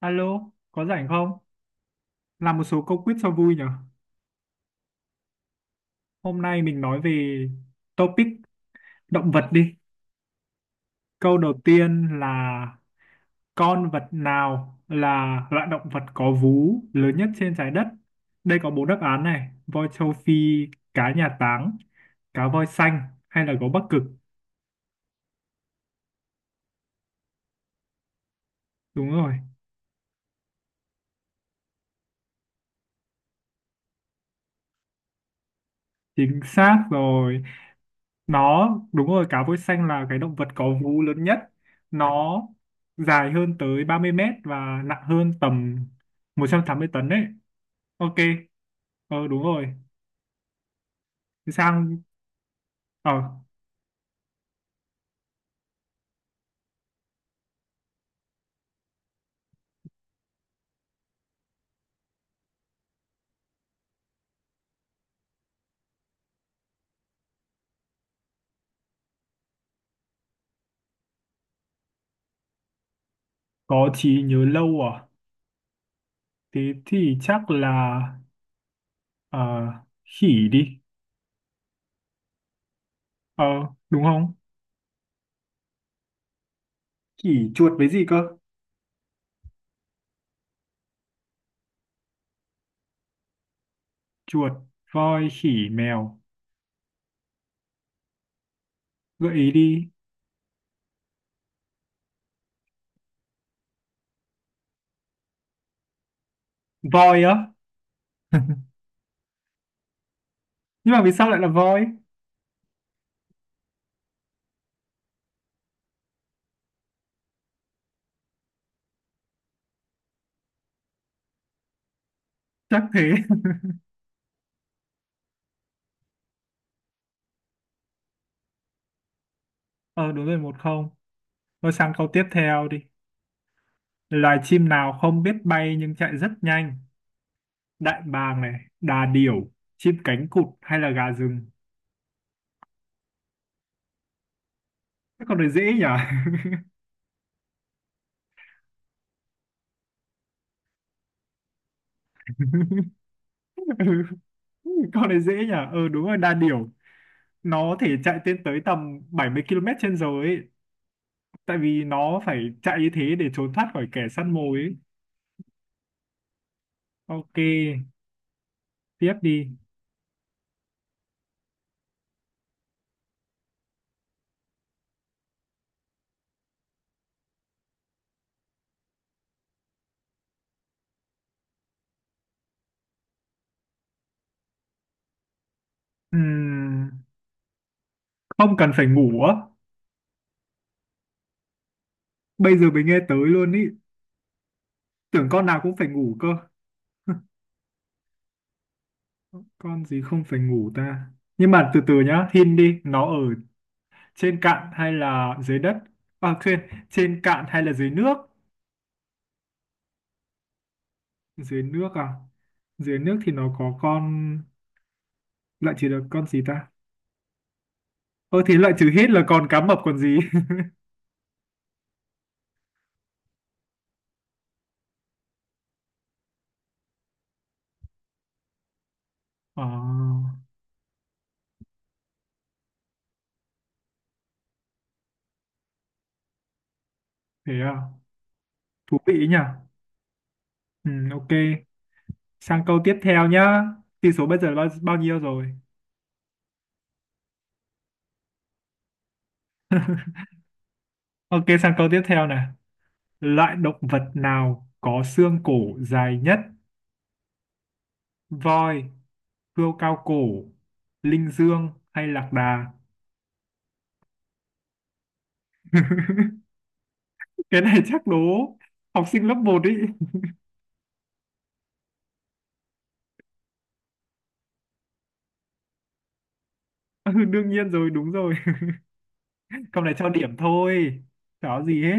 Alo, có rảnh không? Làm một số câu quiz cho vui nhở? Hôm nay mình nói về topic động vật đi. Câu đầu tiên là con vật nào là loại động vật có vú lớn nhất trên trái đất? Đây có bốn đáp án này: voi châu Phi, cá nhà táng, cá voi xanh hay là gấu Bắc Cực. Đúng rồi, chính xác rồi. Nó đúng rồi, cá voi xanh là cái động vật có vú lớn nhất. Nó dài hơn tới 30 mét và nặng hơn tầm 180 tấn đấy. Ok. Đúng rồi. Thì sang. ờ có trí nhớ lâu à? Thế thì chắc là ờ khỉ đi. ờ Đúng không? Khỉ, chuột với gì cơ? Chuột, voi, khỉ, mèo. Gợi ý đi. Voi á? Nhưng mà vì sao lại là voi? Chắc thế. Ờ Đúng rồi, một không. Rồi sang câu tiếp theo đi. Loài chim nào không biết bay nhưng chạy rất nhanh? Đại bàng này, đà điểu, chim cánh cụt hay là gà rừng? Cái con này dễ nhỉ? Ừ, con này dễ nhỉ? Ừ đúng rồi, đà điểu. Nó thể chạy lên tới tầm 70 km trên giờ ấy. Tại vì nó phải chạy như thế để trốn thoát khỏi kẻ săn mồi ấy. Ok, tiếp đi. Ừm, không cần phải ngủ á. Bây giờ mới nghe tới luôn ý. Tưởng con nào cũng phải ngủ cơ. Con gì không phải ngủ ta? Nhưng mà từ từ nhá, hin đi, nó ở trên cạn hay là dưới đất? À, trên, trên cạn hay là dưới nước? Dưới nước à? Dưới nước thì nó có con... Loại trừ được con gì ta? Ờ thì loại trừ hết là còn cá mập còn gì? Ờ, thế à? Thú vị nhỉ? Ừ, ok. Sang câu tiếp theo nhá. Tỷ số bây giờ là bao nhiêu rồi? Ok, sang câu tiếp theo này. Loại động vật nào có xương cổ dài nhất? Voi, cươu cao cổ, linh dương hay lạc đà? Cái này chắc đố học sinh lớp một ý. Ừ, đương nhiên rồi, đúng rồi. Câu này cho điểm thôi. Chả có gì hết.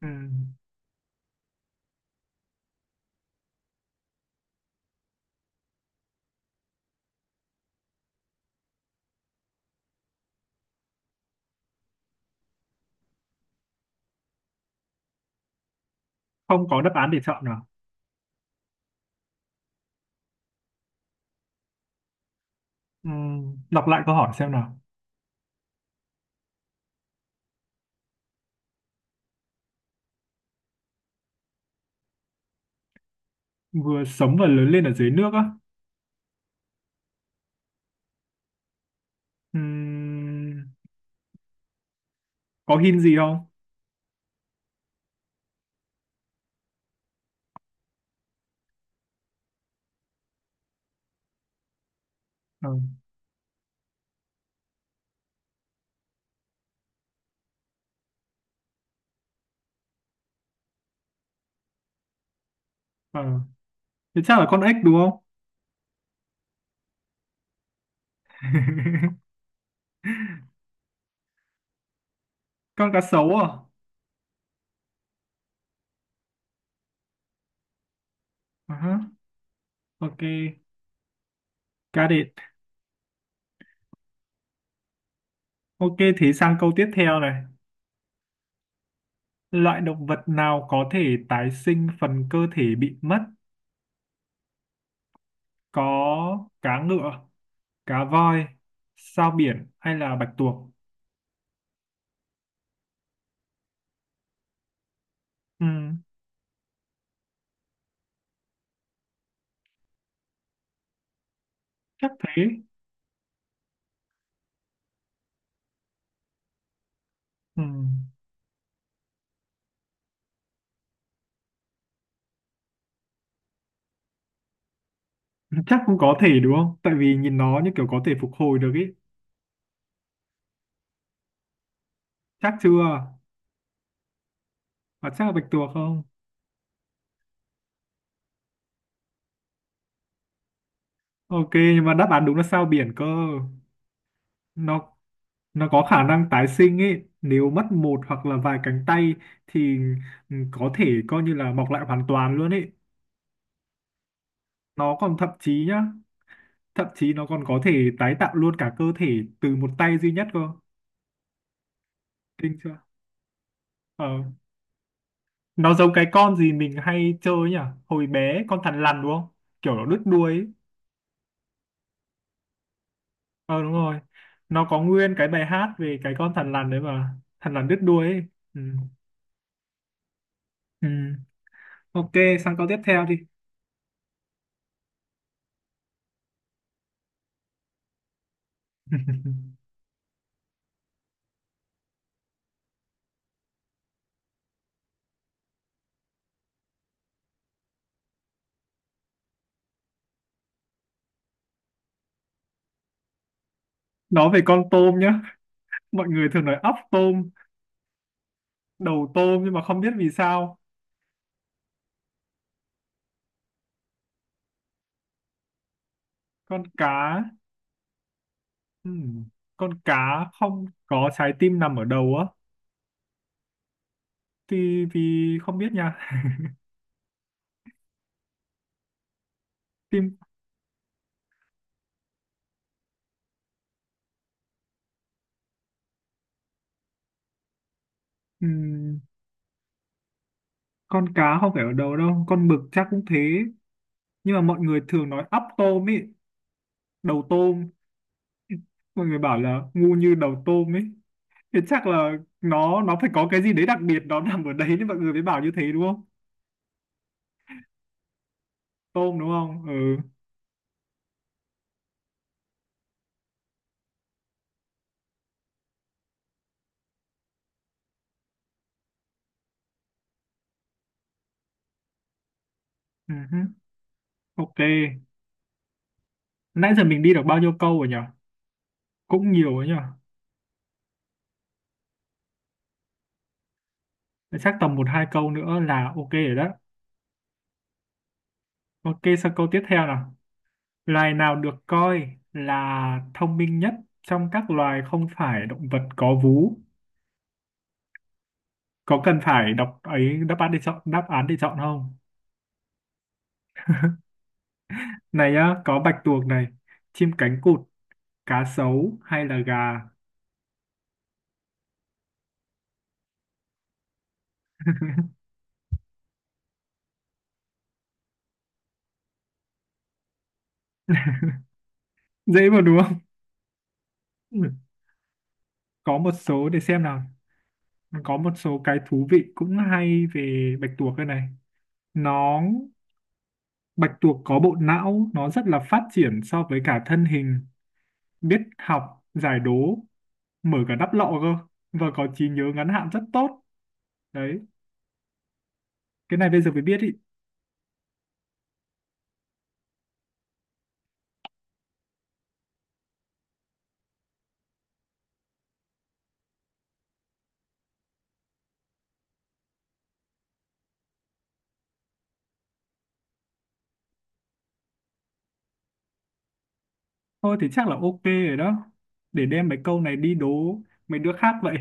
Ừ. Không có đáp án để chọn nào. Ừ. Đọc lại câu hỏi xem nào. Vừa sống và lớn lên ở dưới nước á. Ừ. Có hint gì không? Ừ. Ừ. Thế chắc là con ếch đúng không? Con cá sấu à? Ờ, ok. Got it. Ok, thế sang câu tiếp theo này. Loại động vật nào có thể tái sinh phần cơ thể bị mất? Có cá ngựa, cá voi, sao biển hay là bạch tuộc? Ừ, chắc thế. Ừ. Chắc cũng có thể đúng không? Tại vì nhìn nó như kiểu có thể phục hồi được ý. Chắc chưa? Và chắc là bạch tuộc không? Ok, nhưng mà đáp án đúng là sao biển cơ. Nó nó có khả năng tái sinh ý. Nếu mất một hoặc là vài cánh tay thì ừ, có thể coi như là mọc lại hoàn toàn luôn ý. Nó còn thậm chí nhá, thậm chí nó còn có thể tái tạo luôn cả cơ thể từ một tay duy nhất cơ. Kinh chưa? Ờ. Nó giống cái con gì mình hay chơi nhỉ? Hồi bé con thằn lằn đúng không, kiểu nó đứt đuôi ấy. Ờ đúng rồi, nó có nguyên cái bài hát về cái con thằn lằn đấy, mà thằn lằn đứt đuôi ấy. Ừ. Ừ. Ok, sang câu tiếp theo đi. Nói về con tôm nhá, mọi người thường nói óc tôm, đầu tôm nhưng mà không biết vì sao. Con cá, ừ. Con cá không có trái tim nằm ở đầu á, thì không biết nha. Phim. Ừm, con cá không phải ở đầu đâu, con mực chắc cũng thế. Nhưng mà mọi người thường nói ắp tôm ấy, đầu tôm. Mọi người bảo là ngu như đầu tôm ấy, thì chắc là nó phải có cái gì đấy đặc biệt nó nằm ở đấy nên mọi người mới bảo như thế đúng không. Tôm đúng không. Ừ. Ừ hứ. Ok, nãy giờ mình đi được bao nhiêu câu rồi nhỉ? Cũng nhiều rồi nhỉ. Chắc tầm một hai câu nữa là ok rồi đó. Ok, sang câu tiếp theo nào. Loài nào được coi là thông minh nhất trong các loài không phải động vật có vú? Có cần phải đọc ấy đáp án để chọn đáp án để chọn không? Này á, có bạch tuộc này, chim cánh cụt, cá sấu hay là gà? Dễ mà đúng không? Ừ. Có một số để xem nào. Có một số cái thú vị cũng hay về bạch tuộc đây này. Nó Bạch tuộc có bộ não nó rất là phát triển so với cả thân hình, biết học giải đố, mở cả đắp lọ cơ, và có trí nhớ ngắn hạn rất tốt đấy. Cái này bây giờ mới biết ý. Thôi thì chắc là ok rồi đó, để đem mấy câu này đi đố mấy đứa khác vậy.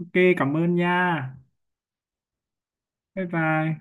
Ok, cảm ơn nha. Bye bye.